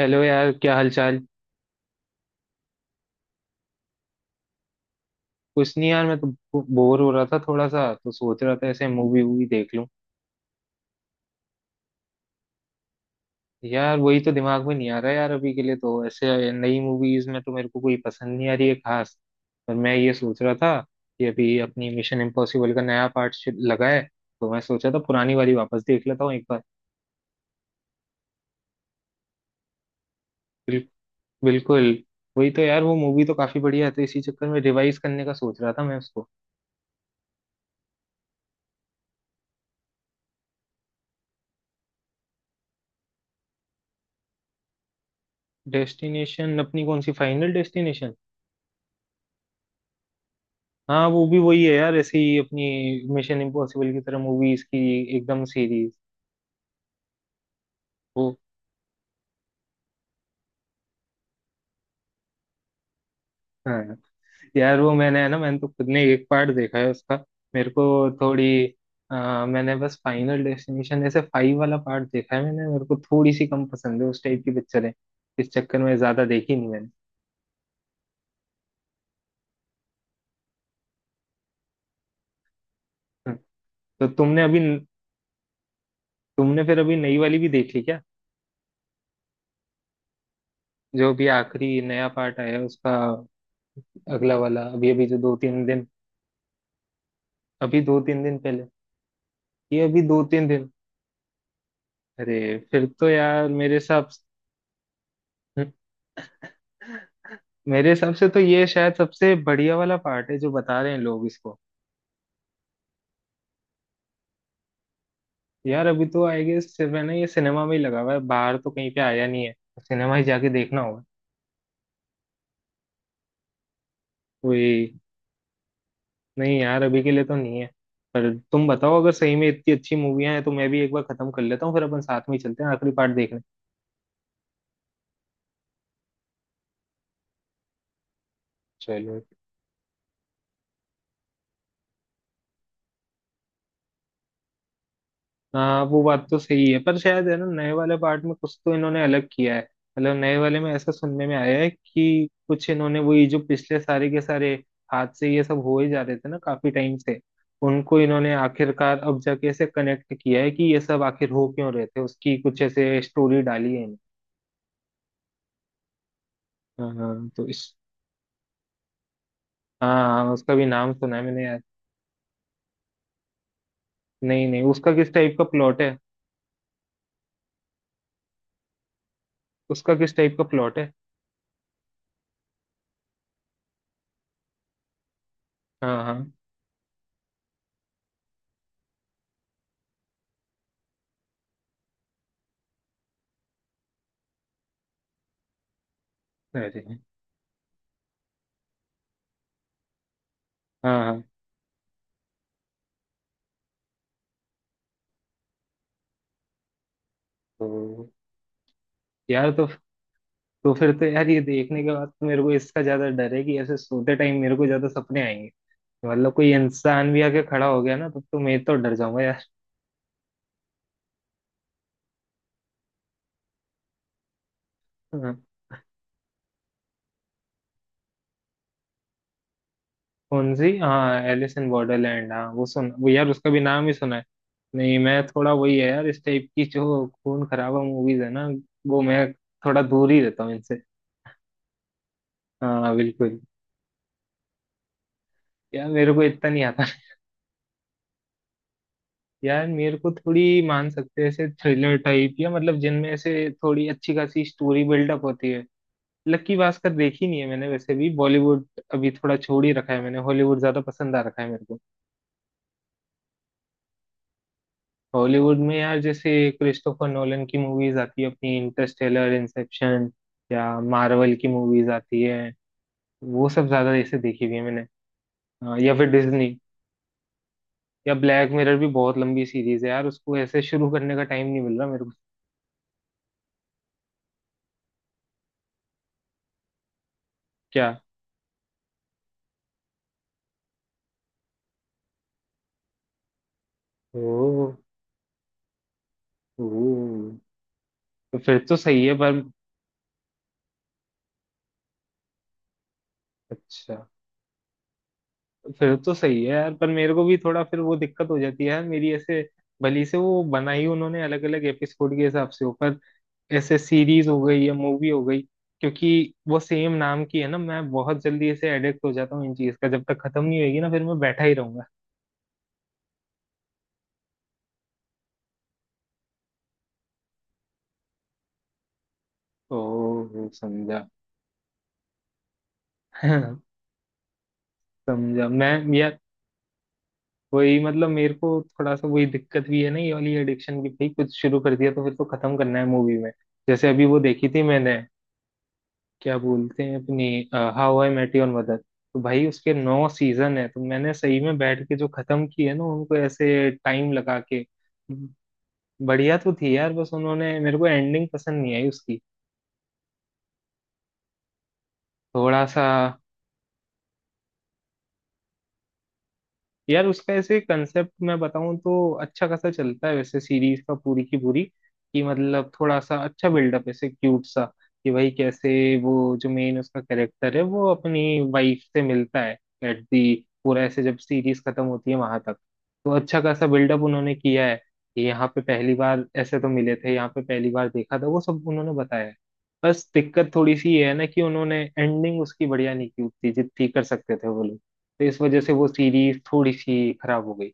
Hello यार, क्या हालचाल। कुछ नहीं यार, मैं तो बोर हो रहा था थोड़ा सा, तो सोच रहा था ऐसे मूवी वूवी देख लूं। यार वही तो दिमाग में नहीं आ रहा यार, अभी के लिए तो ऐसे नई मूवीज में तो मेरे को कोई पसंद नहीं आ रही है खास। पर मैं ये सोच रहा था कि अभी अपनी मिशन इम्पॉसिबल का नया पार्ट लगा है, तो मैं सोचा था पुरानी वाली वापस देख लेता हूँ एक बार। बिल, बिल्कुल, वही तो यार, वो मूवी तो काफी बढ़िया है, तो इसी चक्कर में रिवाइज करने का सोच रहा था मैं उसको। डेस्टिनेशन अपनी कौन सी, फाइनल डेस्टिनेशन। हाँ वो भी वही है यार, ऐसे ही अपनी मिशन इम्पॉसिबल की तरह मूवीज की एकदम सीरीज। वो हाँ, यार वो मैंने है ना, मैंने तो खुद ने एक पार्ट देखा है उसका। मेरे को थोड़ी मैंने बस फाइनल डेस्टिनेशन ऐसे फाइव वाला पार्ट देखा है मैंने, मेरे को थोड़ी सी कम पसंद है, उस टाइप की पिक्चर है। इस चक्कर में ज्यादा देखी नहीं मैंने। हाँ, तो तुमने अभी, तुमने फिर अभी नई वाली भी देख ली क्या, जो अभी आखिरी नया पार्ट आया है उसका, अगला वाला अभी अभी जो दो तीन दिन, अभी दो तीन दिन पहले, ये अभी दो तीन दिन। अरे फिर तो यार से- मेरे हिसाब से तो ये शायद सबसे बढ़िया वाला पार्ट है, जो बता रहे हैं लोग इसको। यार अभी तो आई गेस मैंने, ये सिनेमा में ही लगा हुआ है, बाहर तो कहीं पे आया नहीं है, सिनेमा ही जाके देखना होगा। कोई नहीं यार, अभी के लिए तो नहीं है। पर तुम बताओ अगर सही में इतनी अच्छी मूवियां हैं, तो मैं भी एक बार खत्म कर लेता हूँ, फिर अपन साथ में ही चलते हैं आखिरी पार्ट देखने। चलो। हाँ वो बात तो सही है, पर शायद है ना, नए वाले पार्ट में कुछ तो इन्होंने अलग किया है। मतलब नए वाले में ऐसा सुनने में आया है कि कुछ इन्होंने, वही जो पिछले सारे के सारे हादसे ये सब हो ही जा रहे थे ना काफी टाइम से, उनको इन्होंने आखिरकार अब जाके ऐसे कनेक्ट किया है कि ये सब आखिर हो क्यों रहे थे, उसकी कुछ ऐसे स्टोरी डाली है इन्होंने। हाँ हाँ, तो इस, हाँ हाँ, उसका भी नाम सुना है मैंने यार। नहीं नहीं, उसका किस टाइप का प्लॉट है। उसका किस टाइप का प्लॉट है। हाँ हाँ। अरे हाँ हाँ। तो यार, तो फिर तो यार ये देखने के बाद तो मेरे को इसका ज्यादा डर है कि ऐसे सोते टाइम मेरे को ज्यादा सपने आएंगे। मतलब कोई इंसान भी आके खड़ा हो गया ना, तब तो मैं तो डर जाऊंगा यार। हाँ। कौन सी, हाँ एलिस इन बॉर्डरलैंड, हाँ वो सुन, वो यार उसका भी नाम ही सुना है। नहीं मैं थोड़ा, वही है यार, इस टाइप की जो खून खराबा मूवीज है ना, वो मैं थोड़ा दूर ही रहता हूँ इनसे। हाँ बिल्कुल। यार मेरे को इतना नहीं आता। यार मेरे को थोड़ी, मान सकते हैं ऐसे थ्रिलर टाइप, या मतलब जिनमें ऐसे थोड़ी अच्छी खासी स्टोरी बिल्डअप होती है। लक्की भास्कर देखी नहीं है मैंने, वैसे भी बॉलीवुड अभी थोड़ा छोड़ ही रखा है मैंने, हॉलीवुड ज्यादा पसंद आ रखा है मेरे को। हॉलीवुड में यार, जैसे क्रिस्टोफर नोलन की मूवीज आती है अपनी, इंटरस्टेलर, इंसेप्शन, या मार्वल की मूवीज आती है, वो सब ज्यादा ऐसे देखी हुई है मैंने। या फिर डिज्नी, या ब्लैक मिरर भी बहुत लंबी सीरीज है यार, उसको ऐसे शुरू करने का टाइम नहीं मिल रहा मेरे को। क्या। ओ, ओ, तो फिर तो सही है पर। अच्छा, फिर तो सही है यार, पर मेरे को भी थोड़ा फिर वो दिक्कत हो जाती है यार मेरी, ऐसे भली से वो बनाई उन्होंने अलग अलग एपिसोड के हिसाब से ऊपर, ऐसे सीरीज हो गई या मूवी हो गई, क्योंकि वो सेम नाम की है ना, मैं बहुत जल्दी ऐसे एडिक्ट हो जाता हूँ इन चीज का, जब तक खत्म नहीं होगी ना फिर मैं बैठा ही रहूंगा। ओ समझा। समझा मैं। यार वही मतलब मेरे को थोड़ा सा वही दिक्कत भी है ना, ये वाली एडिक्शन की, भाई कुछ शुरू कर दिया तो फिर तो खत्म करना है मूवी में। जैसे अभी वो देखी थी मैंने, क्या बोलते हैं अपनी, How I Met Your Mother, तो भाई उसके नौ सीजन है, तो मैंने सही में बैठ के जो खत्म किए ना उनको, ऐसे टाइम लगा के। बढ़िया तो थी यार, बस उन्होंने मेरे को एंडिंग पसंद नहीं आई उसकी, थोड़ा सा। यार उसका ऐसे कंसेप्ट मैं बताऊं तो अच्छा खासा चलता है वैसे सीरीज का, पूरी की पूरी, कि मतलब थोड़ा सा अच्छा बिल्डअप ऐसे क्यूट सा, कि भाई कैसे वो जो मेन उसका कैरेक्टर है, वो अपनी वाइफ से मिलता है एट दी, पूरा ऐसे जब सीरीज खत्म होती है वहां तक। तो अच्छा खासा बिल्डअप उन्होंने किया है कि यहाँ पे पहली बार ऐसे तो मिले थे, यहाँ पे पहली बार देखा था, वो सब उन्होंने बताया है। बस दिक्कत थोड़ी सी ये है ना कि उन्होंने एंडिंग उसकी बढ़िया नहीं की उतनी जितनी कर सकते थे वो लोग, तो इस वजह से वो सीरीज थोड़ी सी खराब हो गई।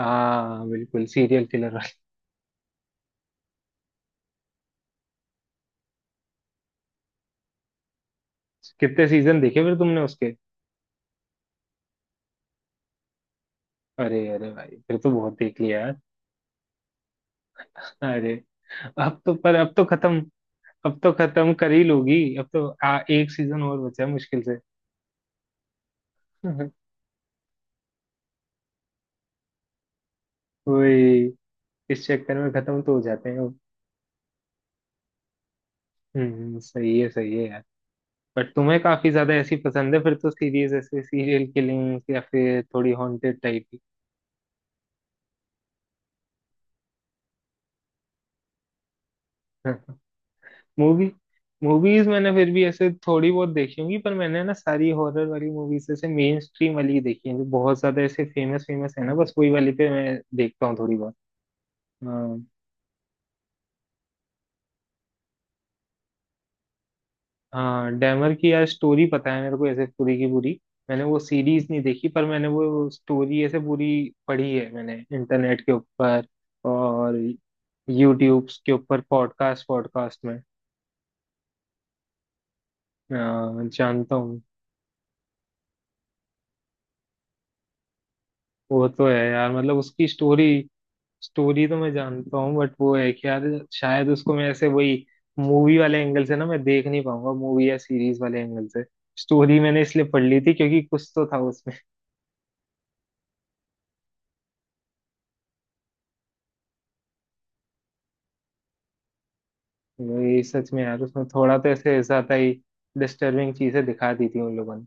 हाँ बिल्कुल, सीरियल किलर वाली। कितने सीजन देखे फिर तुमने उसके। अरे अरे भाई फिर तो बहुत देख लिया यार। अरे अब तो, पर अब तो खत्म, अब तो खत्म कर ही लोगी, अब तो एक सीजन और बचा है मुश्किल से। वही, इस चक्कर में खत्म तो हो जाते हैं वो। हम्म, सही है यार। बट तुम्हें काफी ज्यादा ऐसी पसंद है फिर तो सीरीज, ऐसे सीरियल किलिंग, या फिर थोड़ी हॉन्टेड टाइप की। मूवी, मूवीज मैंने फिर भी ऐसे थोड़ी बहुत देखी होंगी, पर मैंने ना सारी हॉरर वाली मूवीज ऐसे मेन स्ट्रीम वाली ही देखी है, जो बहुत ज्यादा ऐसे फेमस फेमस है ना, बस वही वाली पे मैं देखता हूँ थोड़ी बहुत। हाँ। हाँ डैमर की यार स्टोरी पता है मेरे को ऐसे पूरी की पूरी। मैंने वो सीरीज नहीं देखी, पर मैंने वो स्टोरी ऐसे पूरी पढ़ी है मैंने इंटरनेट के ऊपर, और यूट्यूब के ऊपर पॉडकास्ट पॉडकास्ट में। हाँ, जानता हूँ। वो तो है यार, मतलब उसकी स्टोरी, स्टोरी तो मैं जानता हूँ, बट वो है कि यार शायद उसको मैं ऐसे वही मूवी वाले एंगल से ना मैं देख नहीं पाऊंगा, मूवी या सीरीज वाले एंगल से। स्टोरी मैंने इसलिए पढ़ ली थी क्योंकि कुछ तो था उसमें। वही सच में यार, उसमें थोड़ा तो ऐसे ज्यादा ही डिस्टर्बिंग चीजें दिखा दी थी उन लोगों ने।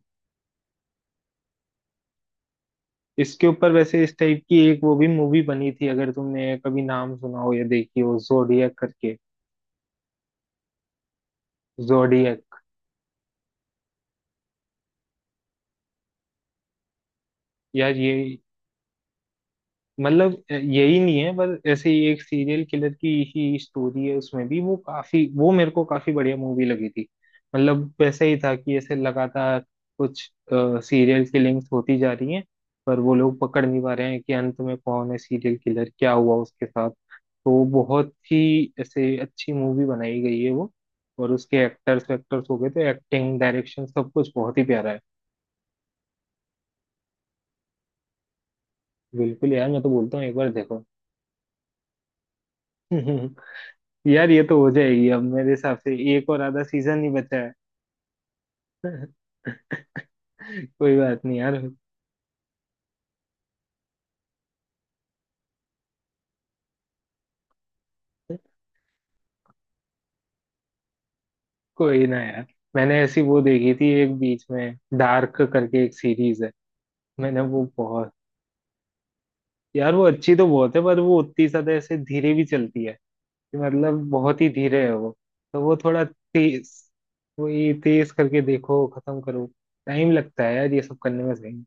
इसके ऊपर वैसे इस टाइप की एक वो भी मूवी बनी थी, अगर तुमने कभी नाम सुना हो या देखी हो, जोडियक करके। जोडियक। यार ये, मतलब यही नहीं है, पर ऐसे ही एक सीरियल किलर की ही स्टोरी है उसमें भी, वो काफी, वो मेरे को काफी बढ़िया मूवी लगी थी। मतलब वैसे ही था कि ऐसे लगातार कुछ सीरियल किलिंग्स होती जा रही हैं, पर वो लोग पकड़ नहीं पा रहे हैं कि अंत में कौन है सीरियल किलर, क्या हुआ उसके साथ। तो बहुत ही ऐसे अच्छी मूवी बनाई गई है वो। और उसके एक्टर्स वेक्टर्स हो गए, तो एक्टिंग, डायरेक्शन सब कुछ बहुत ही प्यारा है। बिल्कुल यार, मैं तो बोलता हूँ एक बार देखो। यार ये तो हो जाएगी अब मेरे हिसाब से, एक और आधा सीजन ही बचा है। कोई बात नहीं यार। कोई ना यार, मैंने ऐसी वो देखी थी एक बीच में, डार्क करके एक सीरीज है, मैंने वो बहुत। यार वो अच्छी तो बहुत है, पर वो उतनी ज्यादा ऐसे धीरे भी चलती है, कि मतलब बहुत ही धीरे है वो। तो वो थोड़ा तेज, वही तेज करके देखो खत्म करो। टाइम लगता है यार ये सब करने में, सही।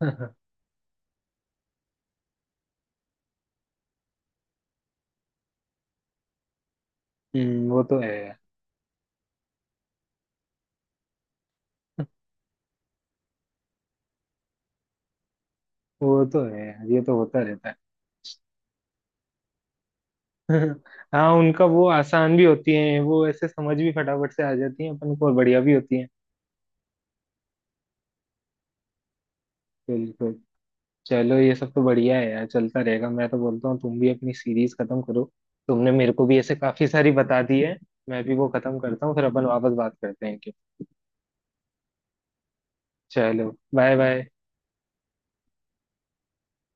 हम्म, वो तो है यार। वो तो है यार, ये तो होता रहता है। हाँ उनका, वो आसान भी होती है, वो ऐसे समझ भी फटाफट से आ जाती है अपन को, और बढ़िया भी होती है। बिल्कुल। चलो ये सब तो बढ़िया है यार, चलता रहेगा। मैं तो बोलता हूँ तुम भी अपनी सीरीज खत्म करो, तुमने मेरे को भी ऐसे काफी सारी बता दी है, मैं भी वो खत्म करता हूँ, फिर अपन वापस बात करते हैं कि। चलो, बाय बाय।